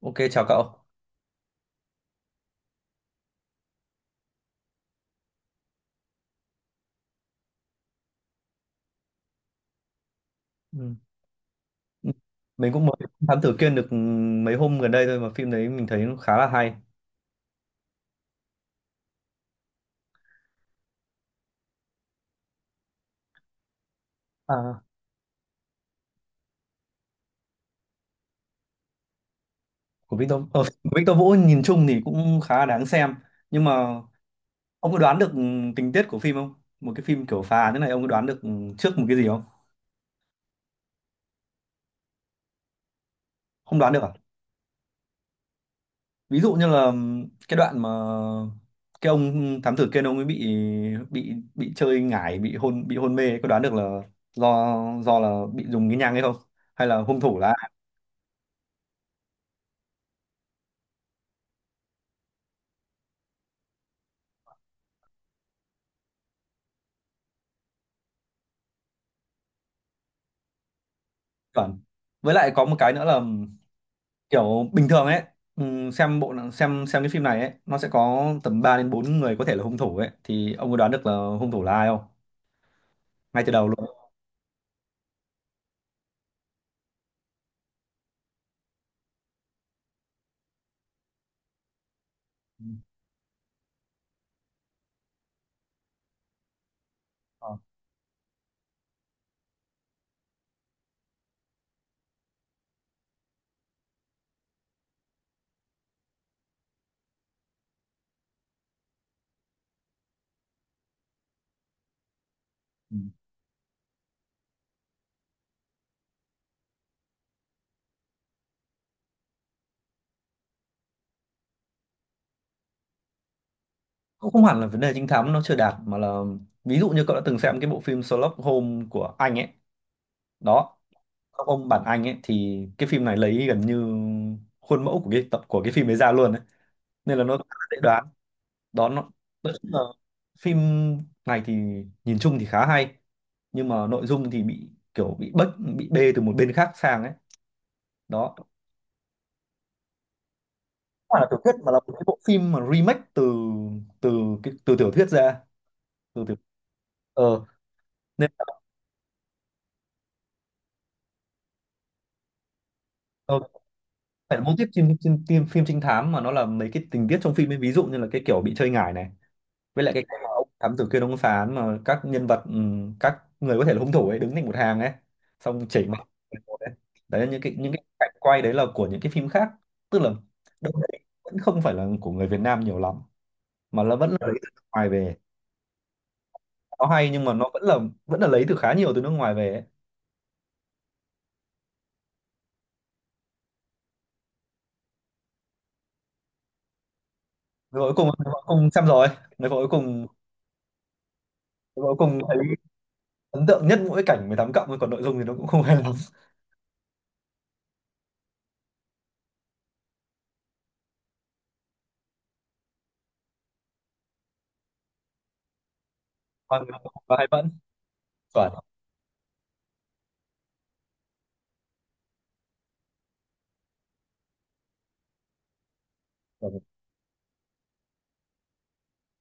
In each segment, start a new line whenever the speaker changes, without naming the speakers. Ok, chào cậu. Ừ. Ừ. Mình cũng mới Thám Tử Kiên được mấy hôm gần đây thôi mà phim đấy mình thấy nó khá là hay. À, Của Victor Vũ nhìn chung thì cũng khá là đáng xem. Nhưng mà ông có đoán được tình tiết của phim không? Một cái phim kiểu phá án thế này ông có đoán được trước một cái gì không? Không đoán được à? Ví dụ như là cái đoạn mà cái ông thám tử Kiên ông ấy bị chơi ngải, bị hôn mê ấy, có đoán được là do do là bị dùng cái nhang hay không? Hay là hung thủ là chuẩn. Với lại có một cái nữa là kiểu bình thường ấy, xem bộ xem cái phim này ấy nó sẽ có tầm 3 đến 4 người có thể là hung thủ ấy, thì ông có đoán được là hung thủ là ai không, ngay từ đầu luôn? Ừ. Ờ. Ừ. Cũng không hẳn là vấn đề trinh thám nó chưa đạt, mà là ví dụ như cậu đã từng xem cái bộ phim Sherlock Holmes của Anh ấy đó. Sherlock Holmes bản Anh ấy thì cái phim này lấy gần như khuôn mẫu của cái tập của cái phim ấy ra luôn ấy, nên là nó khá là dễ đoán. Đó nó, nói chung là phim này thì nhìn chung thì khá hay, nhưng mà nội dung thì bị kiểu bị bê từ một bên khác sang ấy. Đó không phải là tiểu thuyết mà là một cái bộ phim mà remake từ từ cái từ tiểu thuyết ra, từ tiểu, ờ nên là, ờ, phải là mô típ phim, phim, phim phim trinh thám, mà nó là mấy cái tình tiết trong phim ấy, ví dụ như là cái kiểu bị chơi ngải này, với lại cái cách mà ông thám tử kia ông phán mà các nhân vật, các người có thể là hung thủ ấy đứng thành một hàng ấy, xong chảy mặt một ấy. Đấy là những cái cảnh quay đấy là của những cái phim khác. Tức là đâu đấy vẫn không phải là của người Việt Nam nhiều lắm, mà là vẫn là lấy từ nước ngoài về. Nó hay nhưng mà nó vẫn là lấy từ khá nhiều từ nước ngoài về ấy. Người cuối cùng xem rồi rồi cuối cùng. Người cuối cùng thấy ấn tượng nhất mỗi cảnh 18+ cộng, còn nội dung thì nó cũng không hay lắm. Và, và hay vẫn chuẩn.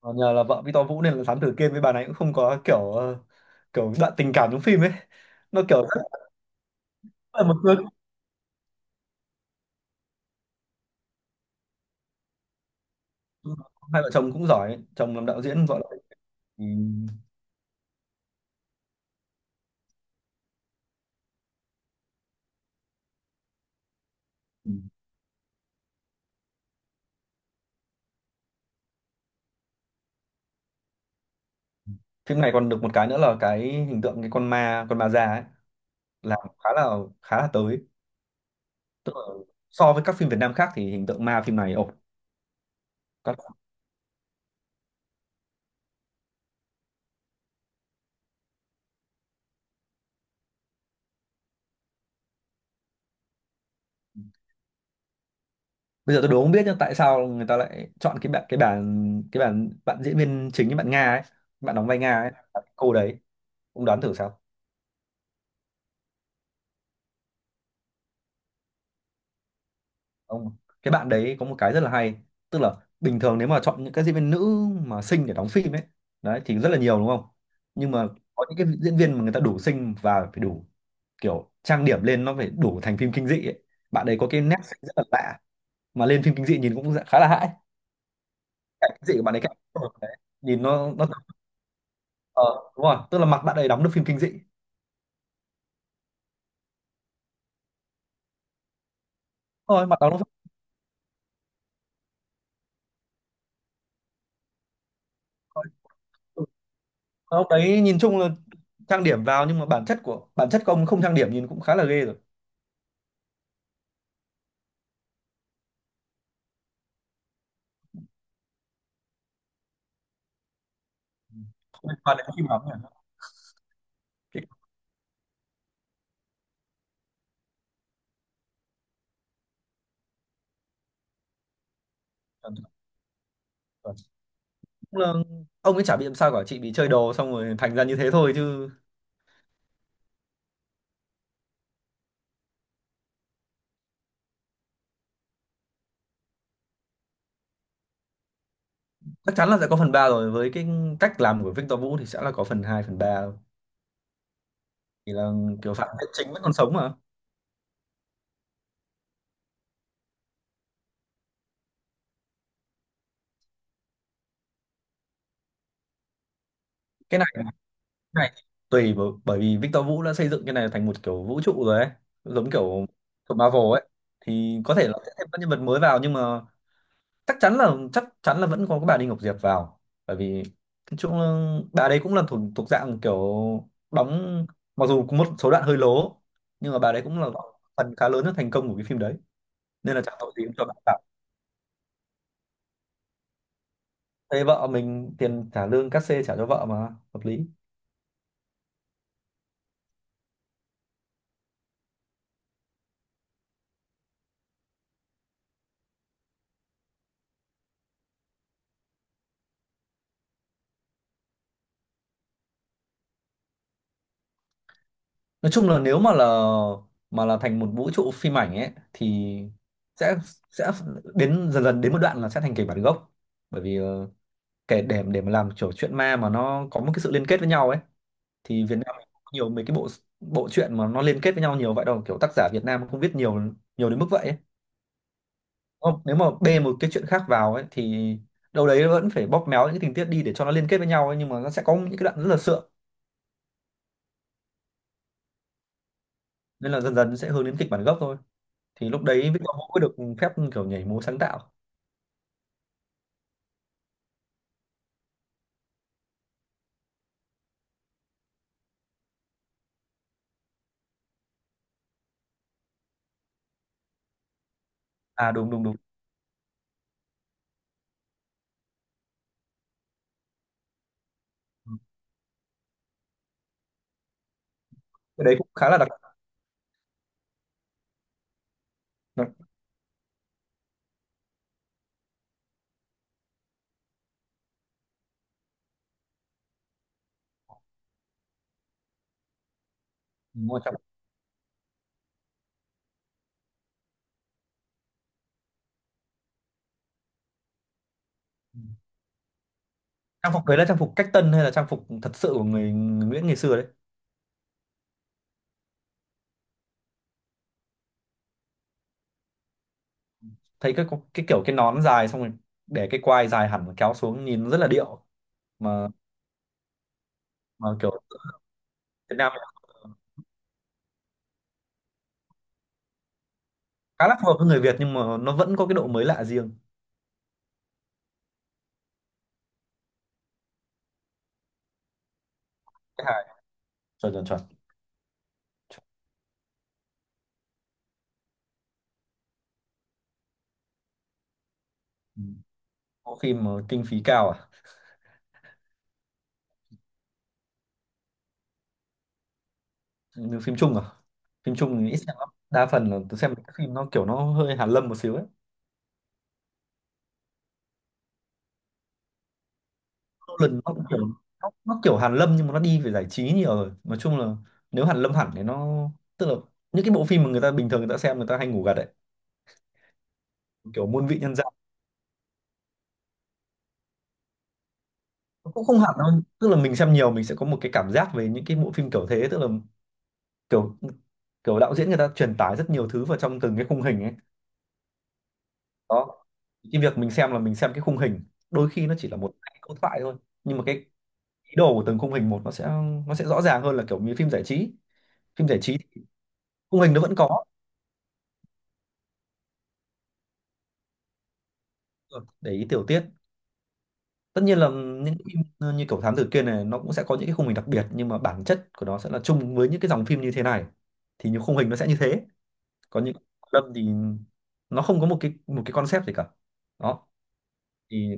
Ờ, nhờ là vợ Victor Vũ nên là thám tử Kiên với bà này cũng không có kiểu, kiểu đoạn tình cảm trong phim ấy. Nó kiểu rất là một người, hai vợ chồng cũng giỏi, chồng làm đạo diễn, vợ là. Ừ. Ừ. Phim này còn được một cái nữa là cái hình tượng cái con ma già ấy là khá là tới. Tức là so với các phim Việt Nam khác thì hình tượng ma phim này ổn. Các- Bây giờ tôi đố không biết nhưng tại sao người ta lại chọn cái bạn cái bạn cái bạn bạn diễn viên chính, cái bạn Nga ấy, bạn đóng vai Nga ấy, cô đấy, ông đoán thử sao? Ông cái bạn đấy có một cái rất là hay, tức là bình thường nếu mà chọn những các diễn viên nữ mà xinh để đóng phim ấy, đấy thì rất là nhiều đúng không? Nhưng mà có những cái diễn viên mà người ta đủ xinh và phải đủ kiểu trang điểm lên nó phải đủ thành phim kinh dị ấy. Bạn đấy có cái nét xinh rất là lạ mà lên phim kinh dị nhìn cũng khá là hãi. Cảnh kinh dị của bạn ấy, cảnh đấy. Nhìn nó, ờ, đúng rồi, tức là mặt bạn ấy đóng được phim kinh dị. Thôi mặt đóng được phim thôi. Ừ. Ông đấy nhìn chung là trang điểm vào, nhưng mà bản chất của ông không trang điểm nhìn cũng khá là ghê rồi. Không liên quan đến cái phim lắm nhỉ. Cái- cảm tưởng của- Cũng là ông ấy chả bị làm sao cả, chị bị chơi đồ xong rồi thành ra như thế thôi chứ. Chắc chắn là sẽ có phần 3 rồi, với cái cách làm của Victor Vũ thì sẽ là có phần 2 phần ba, thì là kiểu phản diện chính vẫn còn sống mà. Cái này thì tùy, bởi vì Victor Vũ đã xây dựng cái này thành một kiểu vũ trụ rồi ấy, giống kiểu của Marvel ấy, thì có thể là sẽ thêm các nhân vật mới vào, nhưng mà chắc chắn là vẫn có cái bà Đinh Ngọc Diệp vào, bởi vì nói chung là bà đấy cũng là thuộc thuộc dạng kiểu đóng, mặc dù có một số đoạn hơi lố, nhưng mà bà đấy cũng là phần khá lớn nhất thành công của cái phim đấy, nên là chẳng tội gì cũng cho bà cả. Thế vợ mình, tiền trả lương cát xê trả cho vợ mà, hợp lý. Nói chung là nếu mà là thành một vũ trụ phim ảnh ấy, thì sẽ sẽ đến dần dần đến một đoạn là sẽ thành kịch bản gốc, bởi vì, kể để mà làm kiểu chuyện ma mà nó có một cái sự liên kết với nhau ấy, thì Việt Nam mình cũng nhiều mấy cái bộ bộ truyện mà nó liên kết với nhau nhiều vậy đâu, kiểu tác giả Việt Nam không viết nhiều nhiều đến mức vậy ấy. Không, nếu mà bê một cái chuyện khác vào ấy thì đâu đấy vẫn phải bóp méo những cái tình tiết đi để cho nó liên kết với nhau ấy, nhưng mà nó sẽ có những cái đoạn rất là sượng, nên là dần dần sẽ hướng đến kịch bản gốc thôi, thì lúc đấy Victor Vũ mới được phép kiểu nhảy múa sáng tạo. À đúng đúng đúng. Ừ. Cái đấy cũng khá là đặc, đặc- đúng rồi, trang trang phục đấy là trang phục cách tân hay là trang phục thật sự của người Nguyễn ngày xưa đấy. Thấy cái kiểu cái nón dài xong rồi để cái quai dài hẳn kéo xuống nhìn rất là điệu mà mà kiểu Việt Nam khá là phù hợp với người Việt, nhưng mà nó vẫn có cái độ mới lạ riêng. Cái hài chuẩn, chuẩn, chuẩn. Ừ. Có phim mà kinh phí cao à? Như phim Trung à? Phim Trung thì ít xem lắm, đa phần là tôi xem cái phim nó kiểu nó hơi Hàn Lâm một xíu ấy. Nolan nó cũng kiểu, nó kiểu Hàn Lâm nhưng mà nó đi về giải trí nhiều rồi, nói chung là nếu Hàn Lâm hẳn thì nó, tức là những cái bộ phim mà người ta bình thường người ta xem người ta hay ngủ gật đấy. Kiểu muôn vị nhân gian. Nó cũng không hẳn đâu, tức là mình xem nhiều mình sẽ có một cái cảm giác về những cái bộ phim kiểu thế, tức là kiểu kiểu đạo diễn người ta truyền tải rất nhiều thứ vào trong từng cái khung hình ấy. Đó, cái việc mình xem là mình xem cái khung hình, đôi khi nó chỉ là một hai câu thoại thôi, nhưng mà cái ý đồ của từng khung hình một nó sẽ rõ ràng hơn là kiểu như phim giải trí. Phim giải trí thì khung hình nó vẫn có. Ừ, để ý tiểu tiết. Tất nhiên là những phim như kiểu Thám Tử Kiên này nó cũng sẽ có những cái khung hình đặc biệt, nhưng mà bản chất của nó sẽ là chung với những cái dòng phim như thế này, thì những khung hình nó sẽ như thế. Còn những Lâm thì nó không có một cái concept gì cả. Đó thì,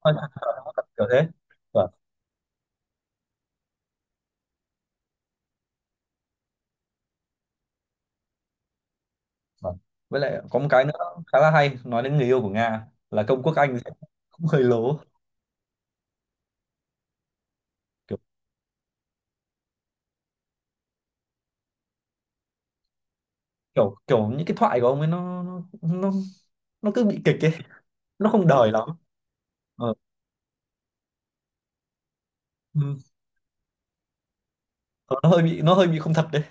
ôi, thật sự nó thật kiểu thế. Vâng, vâng. Với lại có một cái nữa khá là hay, nói đến người yêu của Nga là công quốc Anh cũng hơi lố. Kiểu kiểu kiểu những cái thoại của ông ấy nó cứ bị kịch ấy, nó không đời lắm. Ờ. Ừ. Ờ, nó hơi bị không thật đấy.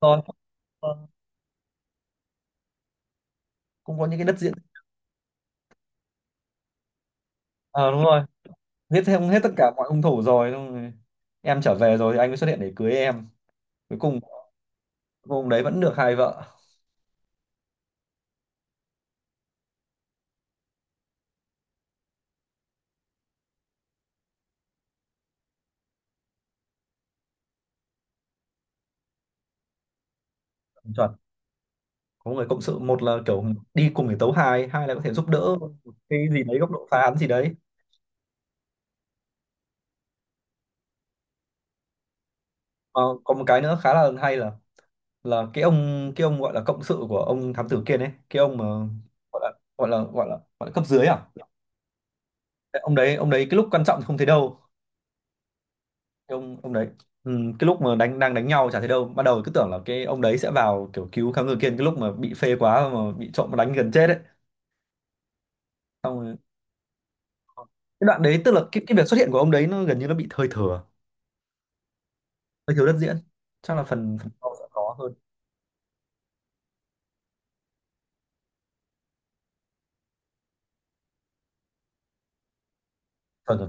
Rồi, ờ, cũng có những cái đất diễn. Ờ đúng rồi, giết thêm hết tất cả mọi hung thủ rồi, xong rồi em trở về rồi thì anh mới xuất hiện để cưới em. Cuối cùng ông đấy vẫn được hai vợ. Chuẩn. Có người cộng sự, một là kiểu đi cùng để tấu hài, hai là có thể giúp đỡ một cái gì đấy góc độ phá án gì đấy. Ờ, còn một cái nữa khá là hay là, cái ông gọi là cộng sự của ông thám tử kia đấy, cái ông mà gọi là gọi là cấp dưới à. Cái ông đấy cái lúc quan trọng thì không thấy đâu, cái ông đấy. Ừ, cái lúc mà đang đánh nhau chả thấy đâu, ban đầu cứ tưởng là cái ông đấy sẽ vào kiểu cứu thám tử kia cái lúc mà bị phê quá mà bị trộm đánh gần chết ấy. Xong rồi cái đoạn đấy, tức là cái việc xuất hiện của ông đấy nó gần như nó bị thời thừa, hơi thiếu đất diễn. Chắc là phần phần sau sẽ có hơn, phần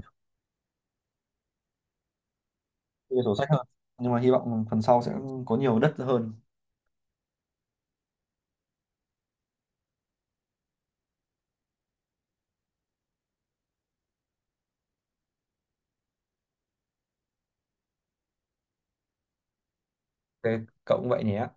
nhiều sổ sách hơn, nhưng mà hy vọng phần sau sẽ có nhiều đất hơn. Thế cậu cũng vậy nhé.